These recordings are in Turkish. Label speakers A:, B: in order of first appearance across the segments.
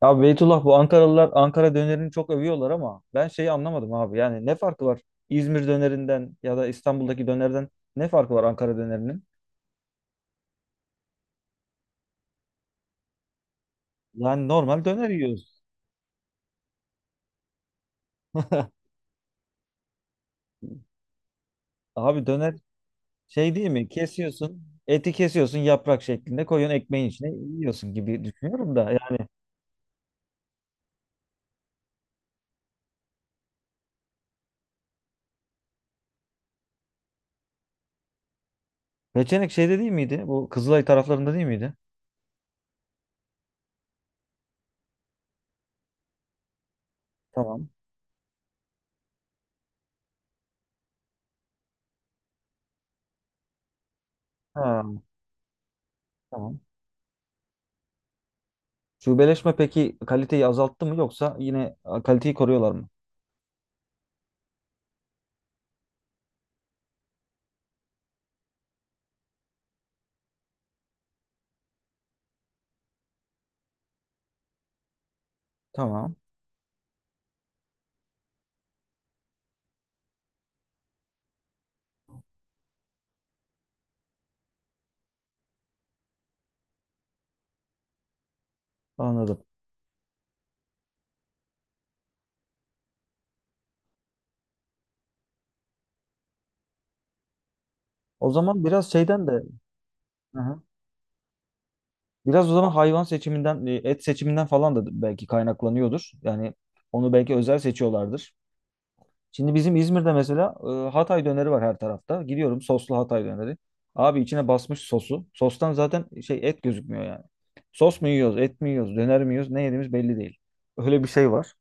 A: Abi Beytullah bu Ankaralılar Ankara dönerini çok övüyorlar ama ben şeyi anlamadım abi. Yani ne farkı var İzmir dönerinden ya da İstanbul'daki dönerden ne farkı var Ankara dönerinin? Yani normal döner yiyoruz. Abi döner şey değil mi? Kesiyorsun, eti kesiyorsun yaprak şeklinde koyuyorsun ekmeğin içine yiyorsun gibi düşünüyorum da. Yani Peçenek şeyde değil miydi? Bu Kızılay taraflarında değil miydi? Tamam. Ha, tamam. Şubeleşme peki kaliteyi azalttı mı yoksa yine kaliteyi koruyorlar mı? Tamam. Anladım. O zaman biraz şeyden de hı hı, biraz o zaman hayvan seçiminden, et seçiminden falan da belki kaynaklanıyordur. Yani onu belki özel seçiyorlardır. Şimdi bizim İzmir'de mesela Hatay döneri var her tarafta. Gidiyorum soslu Hatay döneri. Abi içine basmış sosu. Sostan zaten şey et gözükmüyor yani. Sos mu yiyoruz, et mi yiyoruz, döner mi yiyoruz, ne yediğimiz belli değil. Öyle bir şey var.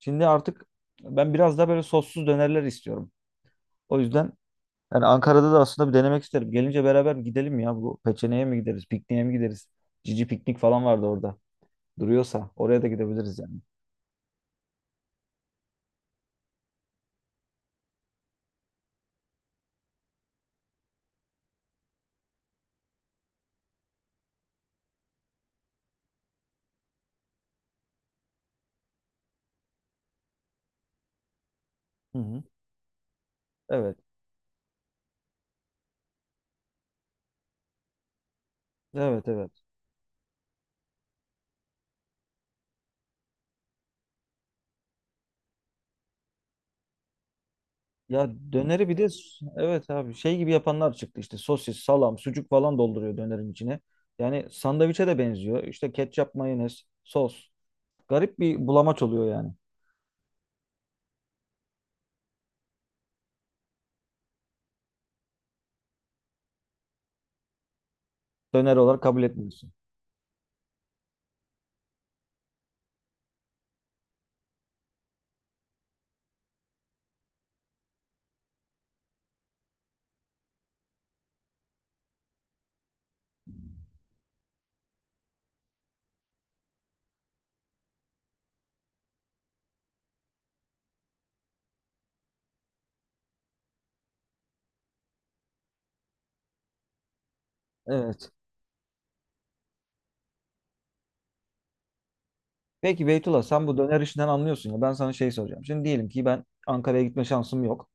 A: Şimdi artık ben biraz daha böyle sossuz dönerler istiyorum. O yüzden yani Ankara'da da aslında bir denemek isterim. Gelince beraber bir gidelim ya. Bu Peçene'ye mi gideriz? Pikniğe mi gideriz? Cici piknik falan vardı orada. Duruyorsa oraya da gidebiliriz yani. Hı hı. Evet. Evet, evet. Ya döneri bir de evet abi şey gibi yapanlar çıktı işte sosis, salam, sucuk falan dolduruyor dönerin içine. Yani sandviçe de benziyor. İşte ketçap, mayonez, sos. Garip bir bulamaç oluyor yani. Döner olarak kabul etmiyorsun. Evet. Peki Beytullah sen bu döner işinden anlıyorsun ya ben sana şey soracağım. Şimdi diyelim ki ben Ankara'ya gitme şansım yok.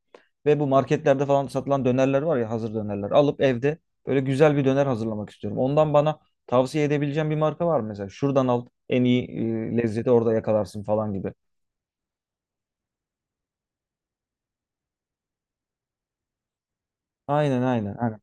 A: Ve bu marketlerde falan satılan dönerler var ya hazır dönerler. Alıp evde böyle güzel bir döner hazırlamak istiyorum. Ondan bana tavsiye edebileceğim bir marka var mı? Mesela şuradan al en iyi lezzeti orada yakalarsın falan gibi. Aynen, aynen.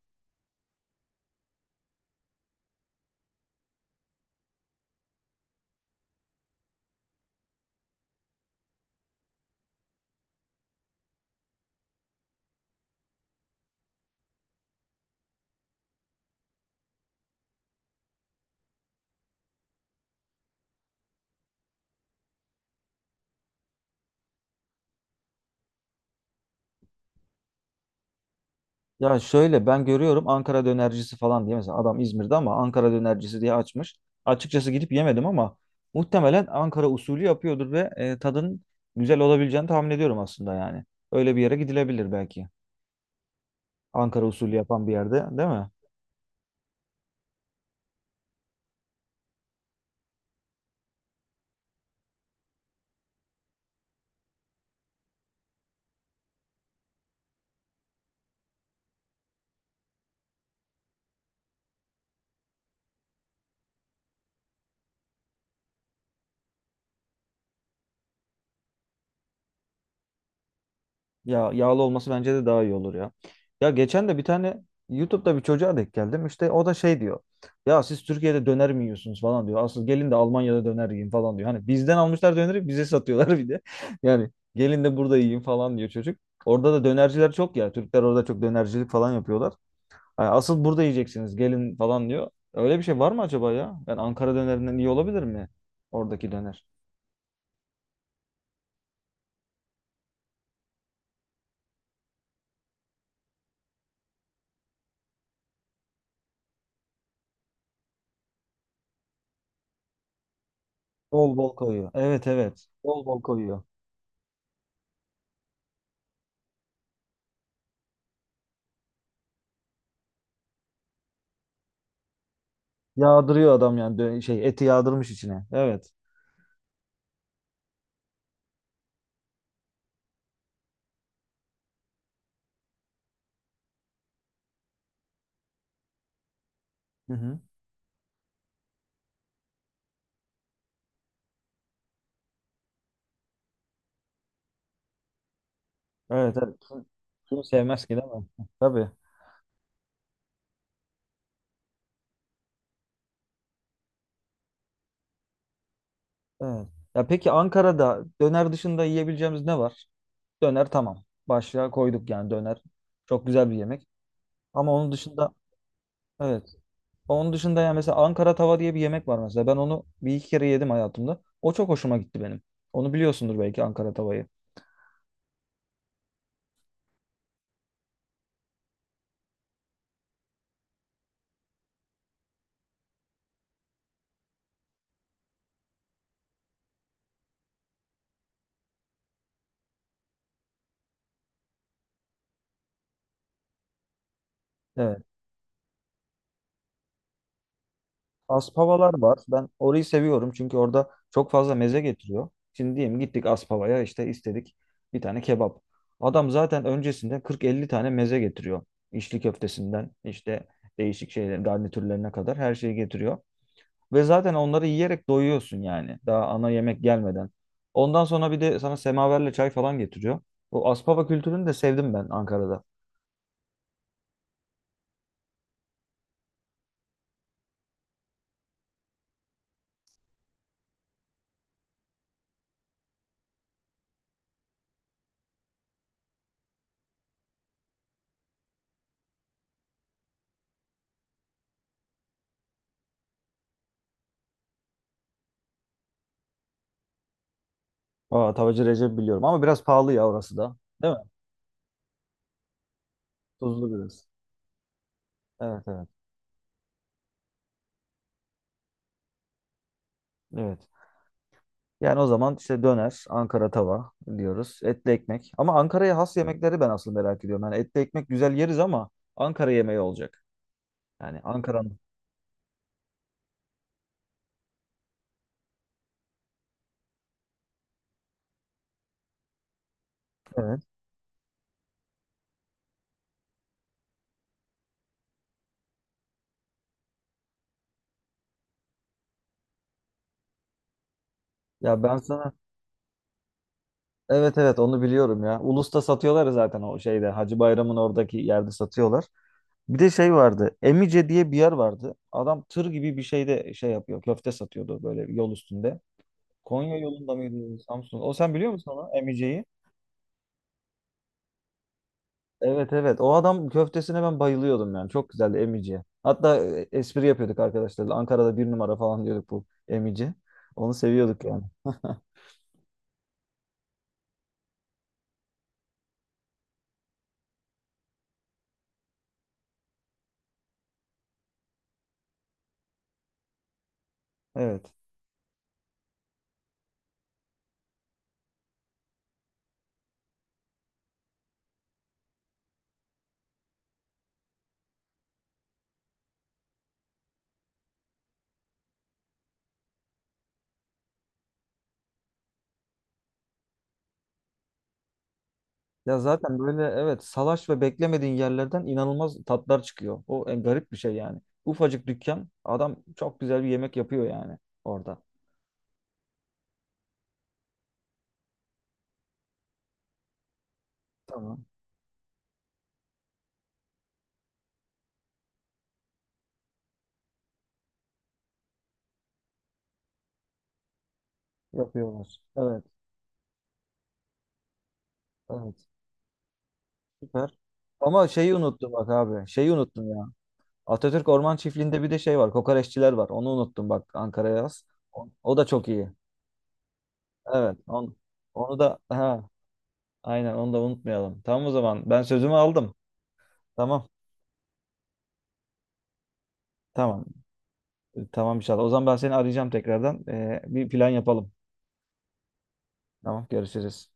A: Ya şöyle ben görüyorum Ankara dönercisi falan diye mesela adam İzmir'de ama Ankara dönercisi diye açmış. Açıkçası gidip yemedim ama muhtemelen Ankara usulü yapıyordur ve tadın güzel olabileceğini tahmin ediyorum aslında yani. Öyle bir yere gidilebilir belki. Ankara usulü yapan bir yerde değil mi? Ya yağlı olması bence de daha iyi olur ya. Ya geçen de bir tane YouTube'da bir çocuğa denk geldim. İşte o da şey diyor. Ya siz Türkiye'de döner mi yiyorsunuz falan diyor. Asıl gelin de Almanya'da döner yiyin falan diyor. Hani bizden almışlar döneri bize satıyorlar bir de. Yani gelin de burada yiyin falan diyor çocuk. Orada da dönerciler çok ya. Türkler orada çok dönercilik falan yapıyorlar. Hani asıl burada yiyeceksiniz gelin falan diyor. Öyle bir şey var mı acaba ya? Yani Ankara dönerinden iyi olabilir mi oradaki döner? Bol bol koyuyor. Evet, evet. Bol bol koyuyor. Yağdırıyor adam yani şey eti yağdırmış içine. Evet. Hı hı. Evet, evet. Kim, kim sevmez ki değil mi? Tabii. Evet. Ya peki Ankara'da döner dışında yiyebileceğimiz ne var? Döner tamam. Başlığa koyduk yani döner. Çok güzel bir yemek. Ama onun dışında evet. Onun dışında yani mesela Ankara tava diye bir yemek var mesela. Ben onu bir iki kere yedim hayatımda. O çok hoşuma gitti benim. Onu biliyorsundur belki Ankara tavayı. Evet. Aspavalar var. Ben orayı seviyorum çünkü orada çok fazla meze getiriyor. Şimdi diyelim gittik Aspava'ya işte istedik bir tane kebap. Adam zaten öncesinde 40-50 tane meze getiriyor. İçli köftesinden işte değişik şeyler garnitürlerine kadar her şeyi getiriyor. Ve zaten onları yiyerek doyuyorsun yani daha ana yemek gelmeden. Ondan sonra bir de sana semaverle çay falan getiriyor. O Aspava kültürünü de sevdim ben Ankara'da. Aa, Tavacı Recep biliyorum ama biraz pahalı ya orası da. Değil mi? Tuzlu biraz. Evet, evet. Evet. Yani o zaman işte döner, Ankara tava diyoruz. Etli ekmek. Ama Ankara'ya has yemekleri ben aslında merak ediyorum. Yani etli ekmek güzel yeriz ama Ankara yemeği olacak. Yani Ankara'nın. Evet. Ya ben sana evet, evet onu biliyorum ya. Ulus'ta satıyorlar ya zaten o şeyde Hacı Bayram'ın oradaki yerde satıyorlar. Bir de şey vardı. Emice diye bir yer vardı. Adam tır gibi bir şeyde şey yapıyor. Köfte satıyordu böyle yol üstünde. Konya yolunda mıydı? Samsun. O sen biliyor musun onu? Emice'yi? Evet, evet. O adam köftesine ben bayılıyordum yani. Çok güzeldi emici. Hatta espri yapıyorduk arkadaşlarla. Ankara'da bir numara falan diyorduk bu emici. Onu seviyorduk yani. Evet. Ya zaten böyle evet salaş ve beklemediğin yerlerden inanılmaz tatlar çıkıyor. O en garip bir şey yani. Ufacık dükkan adam çok güzel bir yemek yapıyor yani orada. Tamam. Yapıyorlar. Evet. Evet. Süper. Ama şeyi unuttum bak abi. Şeyi unuttum Atatürk Orman Çiftliği'nde bir de şey var. Kokoreççiler var. Onu unuttum bak Ankara'ya yaz. O, o da çok iyi. Evet. On, onu da ha, aynen onu da unutmayalım. Tamam o zaman. Ben sözümü aldım. Tamam. Tamam. Tamam inşallah. O zaman ben seni arayacağım tekrardan. Bir plan yapalım. Tamam, görüşürüz.